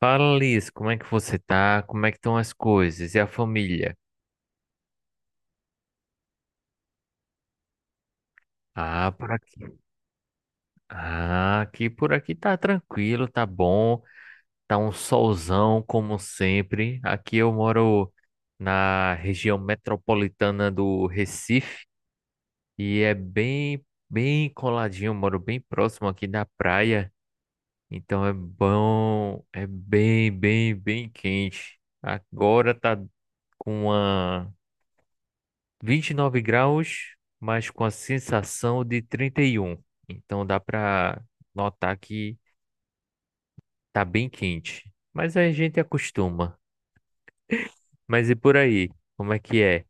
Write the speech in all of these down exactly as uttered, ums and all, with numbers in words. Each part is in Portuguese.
Fala, Liz, como é que você tá? Como é que estão as coisas? E a família? Ah, por aqui. Ah, aqui por aqui tá tranquilo, tá bom. Tá um solzão, como sempre. Aqui eu moro na região metropolitana do Recife e é bem, bem coladinho. Eu moro bem próximo aqui da praia, então é bom, é bem, bem, bem quente. Agora tá com uma. Vinte e nove graus, mas com a sensação de trinta e um. Então dá para notar que tá bem quente. Mas a gente acostuma. Mas e por aí? Como é que é?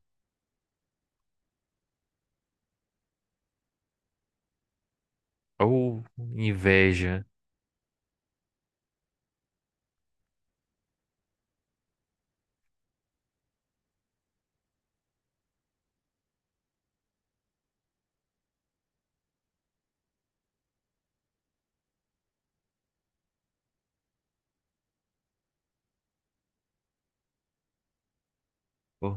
Ou inveja. Ou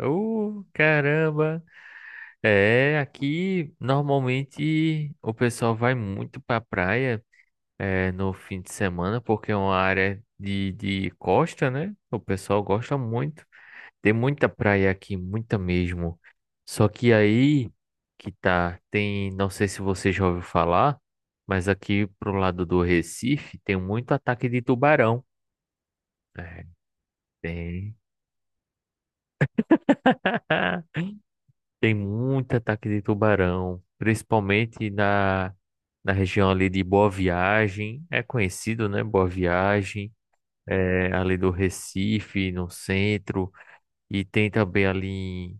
ou, caramba. É, aqui normalmente o pessoal vai muito pra praia é, no fim de semana, porque é uma área de, de costa, né? O pessoal gosta muito. Tem muita praia aqui, muita mesmo. Só que aí que tá, tem, não sei se você já ouviu falar, mas aqui pro lado do Recife tem muito ataque de tubarão. É, tem. Tem muito ataque de tubarão, principalmente na, na região ali de Boa Viagem. É conhecido, né? Boa Viagem, é, ali do Recife, no centro, e tem também ali em,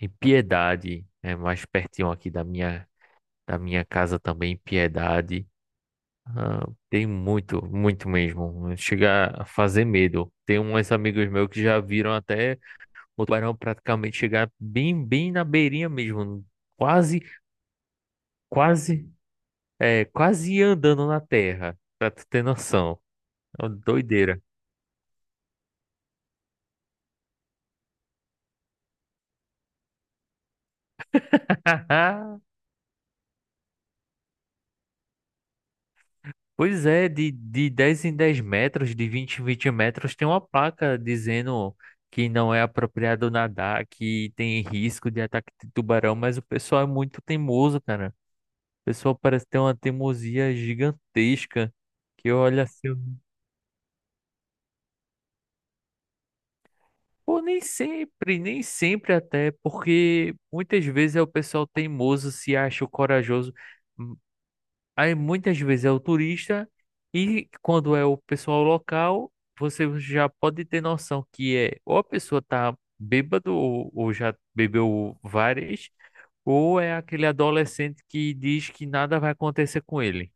em Piedade, é mais pertinho aqui da minha da minha casa também, Piedade. Ah, tem muito, muito mesmo. Chega a fazer medo. Tem uns amigos meus que já viram até o tubarão praticamente chegar bem, bem na beirinha mesmo. Quase, quase, é, quase andando na terra, pra tu ter noção. É uma doideira. Pois é, de, de dez em dez metros, de vinte em vinte metros, tem uma placa dizendo que não é apropriado nadar, que tem risco de ataque de tubarão, mas o pessoal é muito teimoso, cara. O pessoal parece ter uma teimosia gigantesca, que olha assim, eu- pô, nem sempre, nem sempre até, porque muitas vezes é o pessoal teimoso, se acha o corajoso. Aí muitas vezes é o turista e quando é o pessoal local, você já pode ter noção que é ou a pessoa tá bêbado ou, ou já bebeu várias, ou é aquele adolescente que diz que nada vai acontecer com ele.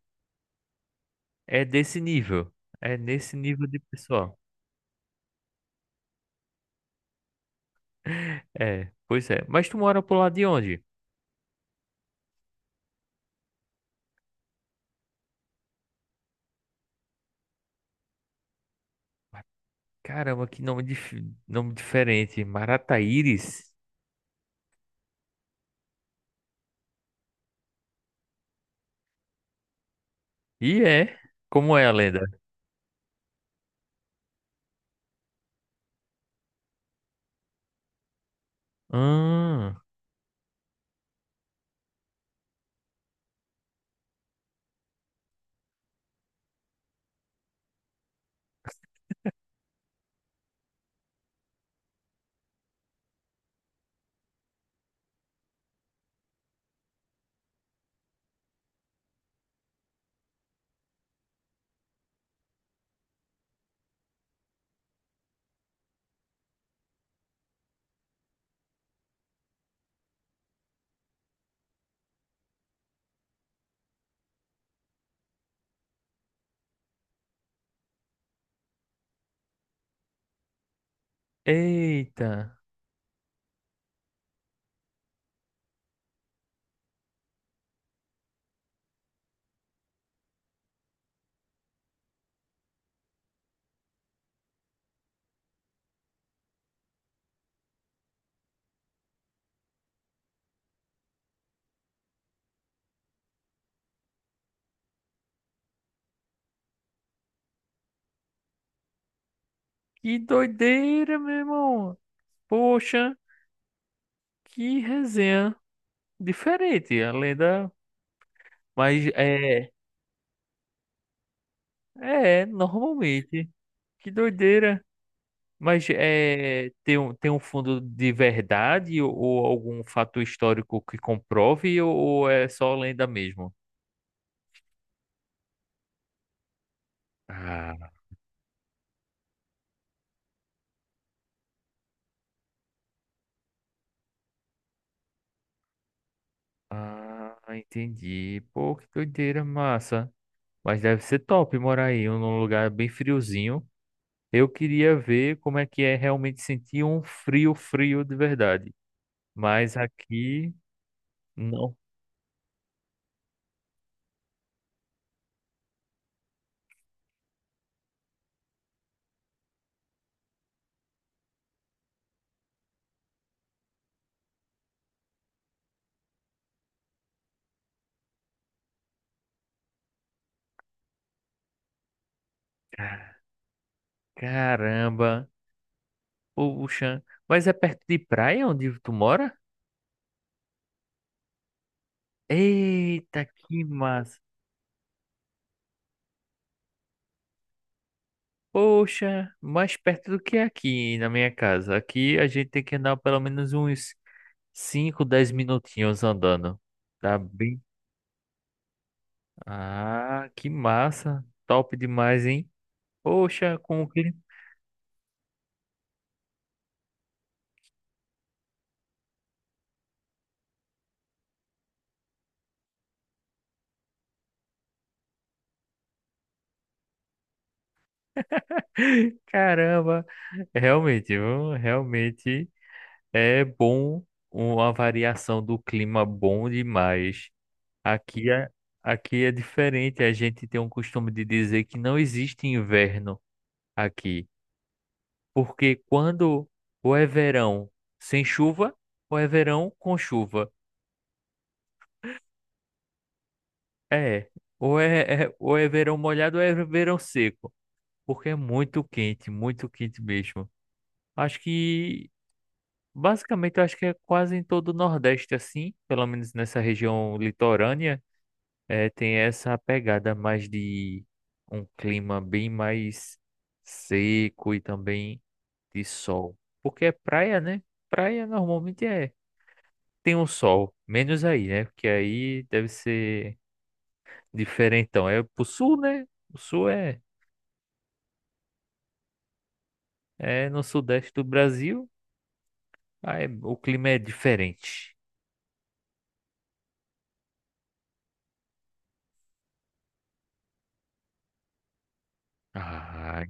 É desse nível. É nesse nível de pessoal. É, pois é. Mas tu mora pro lado de onde? Caramba, que nome, dif... nome diferente. Marataíris? E é. Como é a lenda? Ah, eita. Que doideira, meu irmão. Poxa, que resenha diferente, a lenda. Mas é, é, normalmente. Que doideira. Mas é, tem um, tem um fundo de verdade ou, ou algum fato histórico que comprove ou, ou é só lenda mesmo? Ah, ah, entendi. Pô, que doideira, massa. Mas deve ser top morar aí num lugar bem friozinho. Eu queria ver como é que é realmente sentir um frio, frio de verdade. Mas aqui, não. Caramba. Puxa. Mas é perto de praia onde tu mora? Eita, que massa. Poxa, mais perto do que aqui na minha casa. Aqui a gente tem que andar pelo menos uns cinco, dez minutinhos andando. Tá bem? Ah, que massa. Top demais, hein? Poxa, com o que? Caramba, realmente, viu? Realmente é bom uma variação do clima bom demais. Aqui é, aqui é diferente, a gente tem um costume de dizer que não existe inverno aqui, porque quando ou é verão sem chuva, ou é verão com chuva. É, ou é, é- ou é verão molhado ou é verão seco, porque é muito quente, muito quente mesmo. Acho que Basicamente, eu acho que é quase em todo o Nordeste assim, pelo menos nessa região litorânea, é, tem essa pegada mais de um clima bem mais seco e também de sol. Porque é praia, né? Praia normalmente é tem um sol, menos aí, né? Porque aí deve ser diferentão. É pro sul, né? O sul é, é no sudeste do Brasil, aí o clima é diferente. Ah,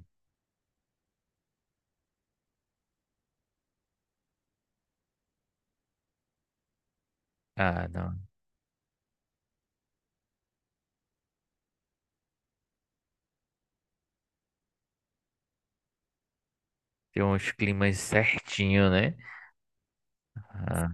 ah, não. Tem uns climas certinho, né? Ah,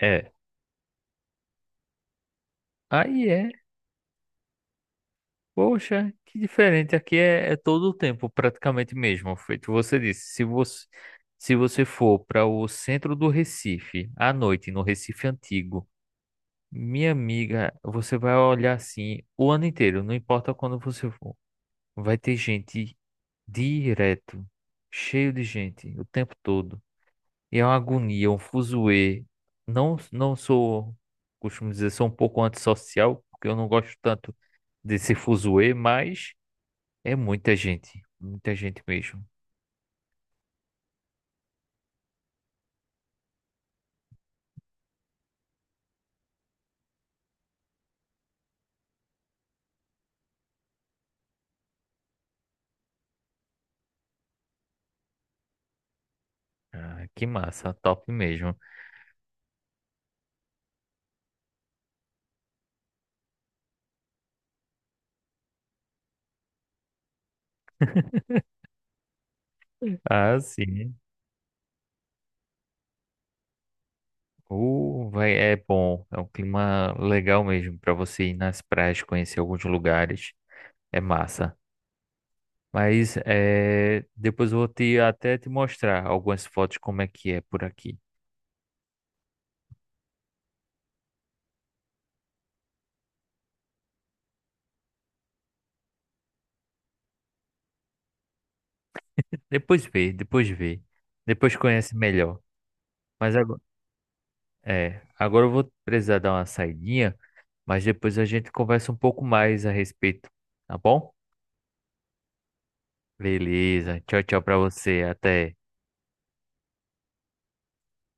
é. Aí é. Poxa, que diferente. Aqui é, é todo o tempo, praticamente mesmo. Feito você disse. Se você, se você for para o centro do Recife, à noite, no Recife Antigo, minha amiga, você vai olhar assim o ano inteiro, não importa quando você for. Vai ter gente direto, cheio de gente, o tempo todo. E é uma agonia, é um fuzuê. Não, não sou, costumo dizer, sou um pouco antissocial, porque eu não gosto tanto desse fuzuê, mas é muita gente, muita gente mesmo. Ah, que massa, top mesmo. Ah, sim. Uh, vai, é bom, é um clima legal mesmo para você ir nas praias, conhecer alguns lugares. É massa. Mas é, depois eu vou te, até te mostrar algumas fotos como é que é por aqui. Depois vê, depois vê. Depois conhece melhor. Mas agora, é, agora eu vou precisar dar uma saidinha, mas depois a gente conversa um pouco mais a respeito, tá bom? Beleza. Tchau, tchau pra você. Até.